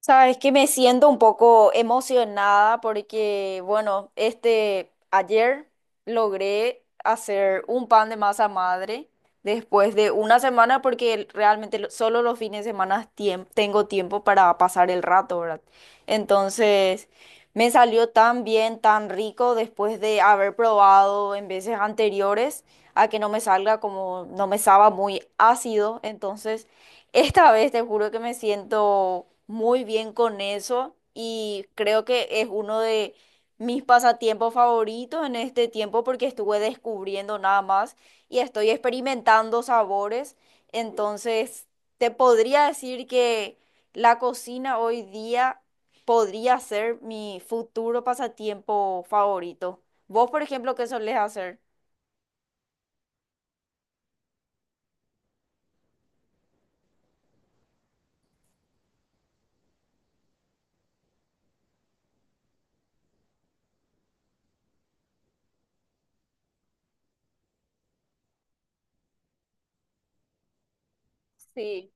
Sabes que me siento un poco emocionada porque, bueno, ayer logré hacer un pan de masa madre después de una semana porque realmente solo los fines de semana tengo tiempo para pasar el rato, ¿verdad? Entonces, me salió tan bien, tan rico después de haber probado en veces anteriores a que no me salga como, no me estaba muy ácido, Esta vez te juro que me siento muy bien con eso y creo que es uno de mis pasatiempos favoritos en este tiempo porque estuve descubriendo nada más y estoy experimentando sabores. Entonces, te podría decir que la cocina hoy día podría ser mi futuro pasatiempo favorito. ¿Vos, por ejemplo, qué solés hacer? Sí.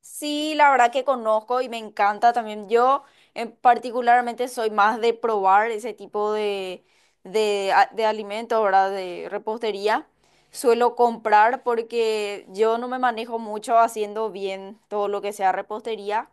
Sí, la verdad que conozco y me encanta también. Yo en particularmente soy más de probar ese tipo de alimentos, ¿verdad? De repostería. Suelo comprar porque yo no me manejo mucho haciendo bien todo lo que sea repostería.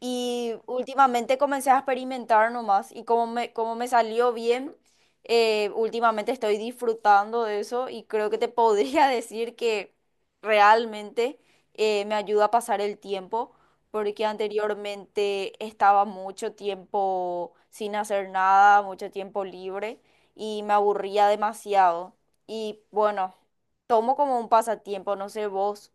Y últimamente comencé a experimentar nomás y como me salió bien, últimamente estoy disfrutando de eso y creo que te podría decir que realmente me ayuda a pasar el tiempo porque anteriormente estaba mucho tiempo sin hacer nada, mucho tiempo libre y me aburría demasiado. Y bueno, tomo como un pasatiempo, no sé vos.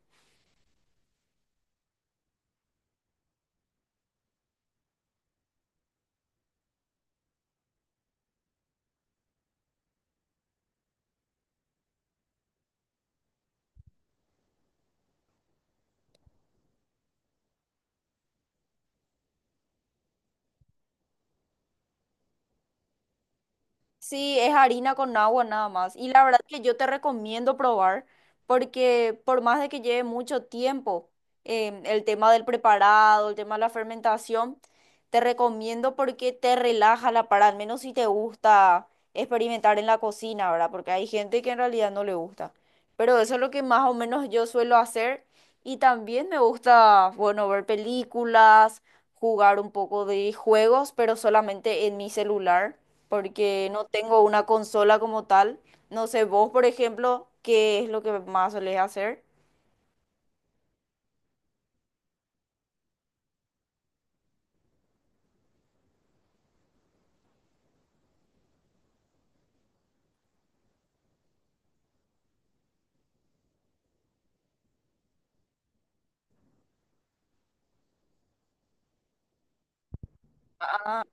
Sí, es harina con agua nada más. Y la verdad que yo te recomiendo probar porque por más de que lleve mucho tiempo el tema del preparado, el tema de la fermentación, te recomiendo porque te relaja la para, al menos si te gusta experimentar en la cocina, ¿verdad? Porque hay gente que en realidad no le gusta. Pero eso es lo que más o menos yo suelo hacer. Y también me gusta, bueno, ver películas, jugar un poco de juegos, pero solamente en mi celular porque no tengo una consola como tal. No sé, vos, por ejemplo, ¿qué es lo que más solés hacer? Ah,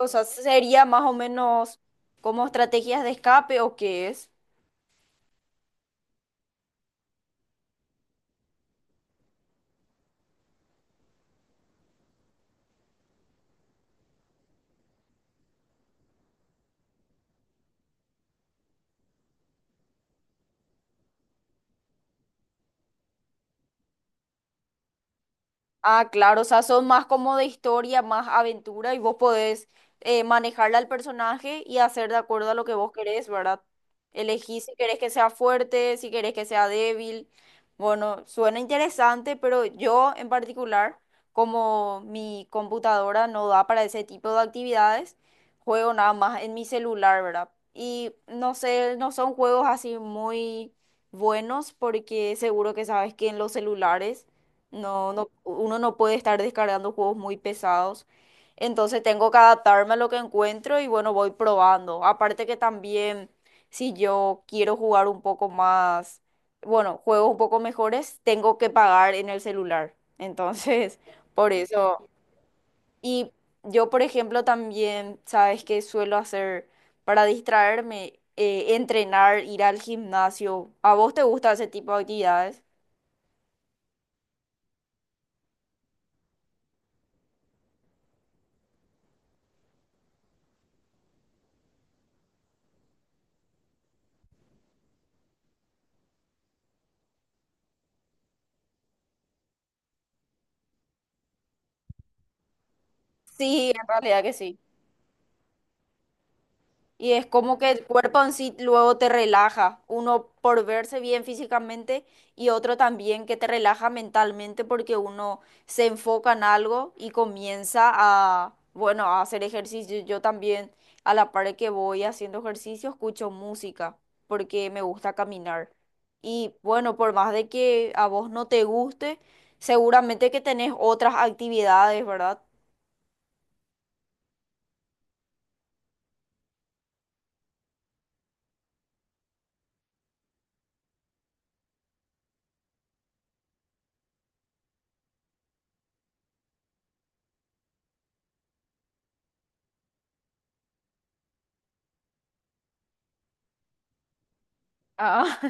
o sea, sería más o menos como estrategias de escape o qué es. Ah, claro, o sea, son más como de historia, más aventura y vos podés manejarle al personaje y hacer de acuerdo a lo que vos querés, ¿verdad? Elegí si querés que sea fuerte, si querés que sea débil. Bueno, suena interesante, pero yo en particular, como mi computadora no da para ese tipo de actividades, juego nada más en mi celular, ¿verdad? Y no sé, no son juegos así muy buenos porque seguro que sabes que en los celulares no, uno no puede estar descargando juegos muy pesados. Entonces tengo que adaptarme a lo que encuentro y bueno, voy probando. Aparte que también si yo quiero jugar un poco más, bueno, juegos un poco mejores, tengo que pagar en el celular. Entonces, por eso. Y yo, por ejemplo, también, ¿sabes qué suelo hacer para distraerme? Entrenar, ir al gimnasio. ¿A vos te gusta ese tipo de actividades? Sí, en realidad que sí. Y es como que el cuerpo en sí luego te relaja, uno por verse bien físicamente y otro también que te relaja mentalmente porque uno se enfoca en algo y comienza a, bueno, a hacer ejercicio. Yo también a la par que voy haciendo ejercicio escucho música porque me gusta caminar. Y bueno, por más de que a vos no te guste, seguramente que tenés otras actividades, ¿verdad? Ah.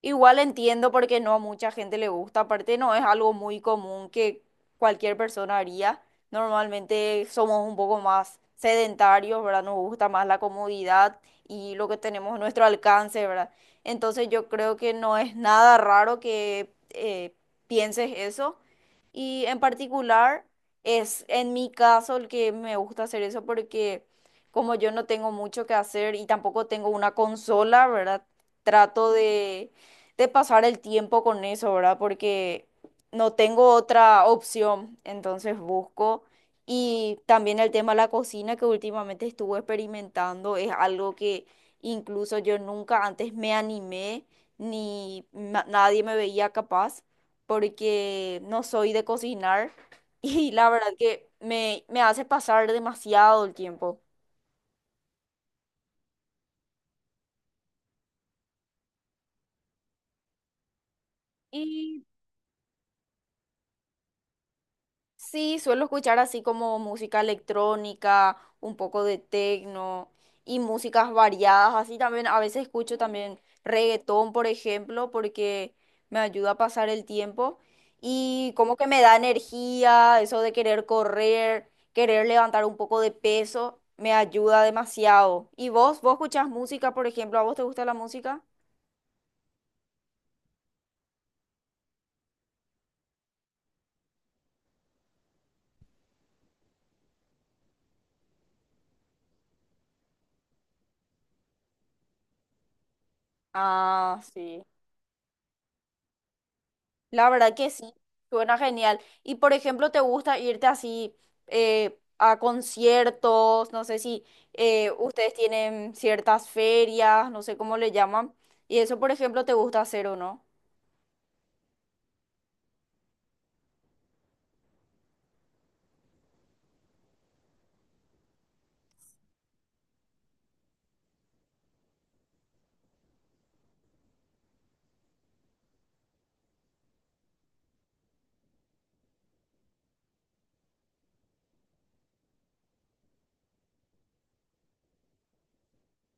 Igual entiendo porque no a mucha gente le gusta, aparte no es algo muy común que cualquier persona haría. Normalmente somos un poco más sedentarios, ¿verdad? Nos gusta más la comodidad y lo que tenemos a nuestro alcance, ¿verdad? Entonces yo creo que no es nada raro que pienses eso. Y en particular es en mi caso el que me gusta hacer eso porque como yo no tengo mucho que hacer y tampoco tengo una consola, ¿verdad? Trato de pasar el tiempo con eso, ¿verdad? Porque no tengo otra opción, entonces busco. Y también el tema de la cocina que últimamente estuve experimentando es algo que incluso yo nunca antes me animé, ni na- nadie me veía capaz, porque no soy de cocinar y la verdad que me hace pasar demasiado el tiempo. Sí, suelo escuchar así como música electrónica, un poco de techno y músicas variadas. Así también a veces escucho también reggaetón, por ejemplo, porque me ayuda a pasar el tiempo y como que me da energía, eso de querer correr, querer levantar un poco de peso, me ayuda demasiado. ¿Y vos? ¿Vos escuchás música, por ejemplo? ¿A vos te gusta la música? Ah, sí. La verdad que sí, suena genial. Y por ejemplo, ¿te gusta irte así a conciertos? No sé si ustedes tienen ciertas ferias, no sé cómo le llaman. Y eso, por ejemplo, ¿te gusta hacer o no?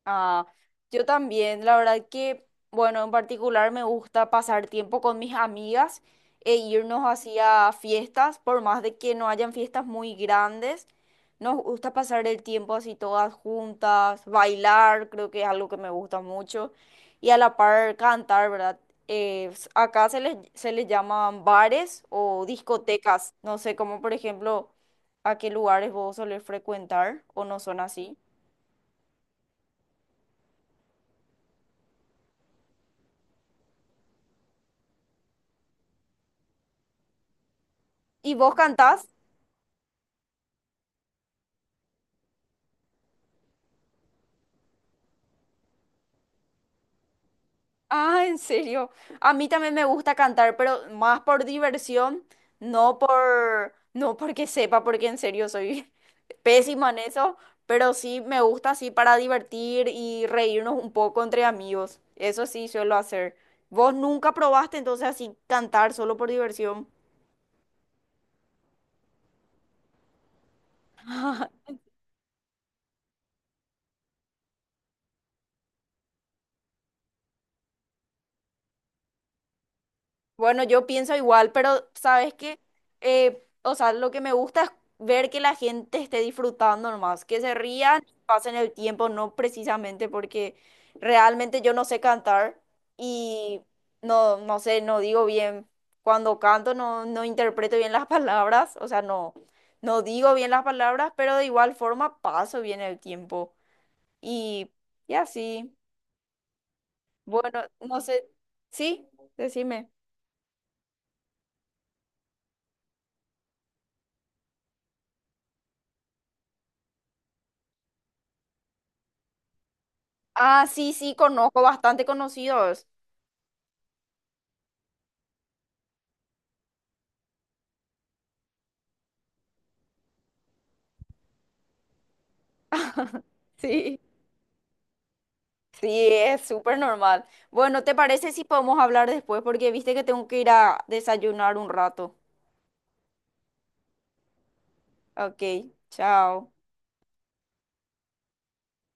Ah, yo también, la verdad que, bueno, en particular me gusta pasar tiempo con mis amigas e irnos hacia fiestas, por más de que no hayan fiestas muy grandes, nos gusta pasar el tiempo así todas juntas, bailar, creo que es algo que me gusta mucho, y a la par cantar, ¿verdad? Acá se les llaman bares o discotecas, no sé, como por ejemplo, a qué lugares vos solés frecuentar o no son así. ¿Y vos cantás? Ah, en serio. A mí también me gusta cantar, pero más por diversión, no porque sepa, porque en serio soy pésima en eso, pero sí me gusta así para divertir y reírnos un poco entre amigos. Eso sí suelo hacer. ¿Vos nunca probaste entonces así cantar solo por diversión? Bueno, yo pienso igual, pero sabes que, o sea, lo que me gusta es ver que la gente esté disfrutando nomás, que se rían, pasen el tiempo, no precisamente porque realmente yo no sé cantar y no, no sé, no digo bien, cuando canto no interpreto bien las palabras, o sea, no, no digo bien las palabras, pero de igual forma paso bien el tiempo y, y así. Bueno, no sé, sí, decime. Ah, sí, sí, conozco bastante conocidos. Sí. Sí, es súper normal. Bueno, ¿te parece si podemos hablar después? Porque viste que tengo que ir a desayunar un rato. Ok, chao.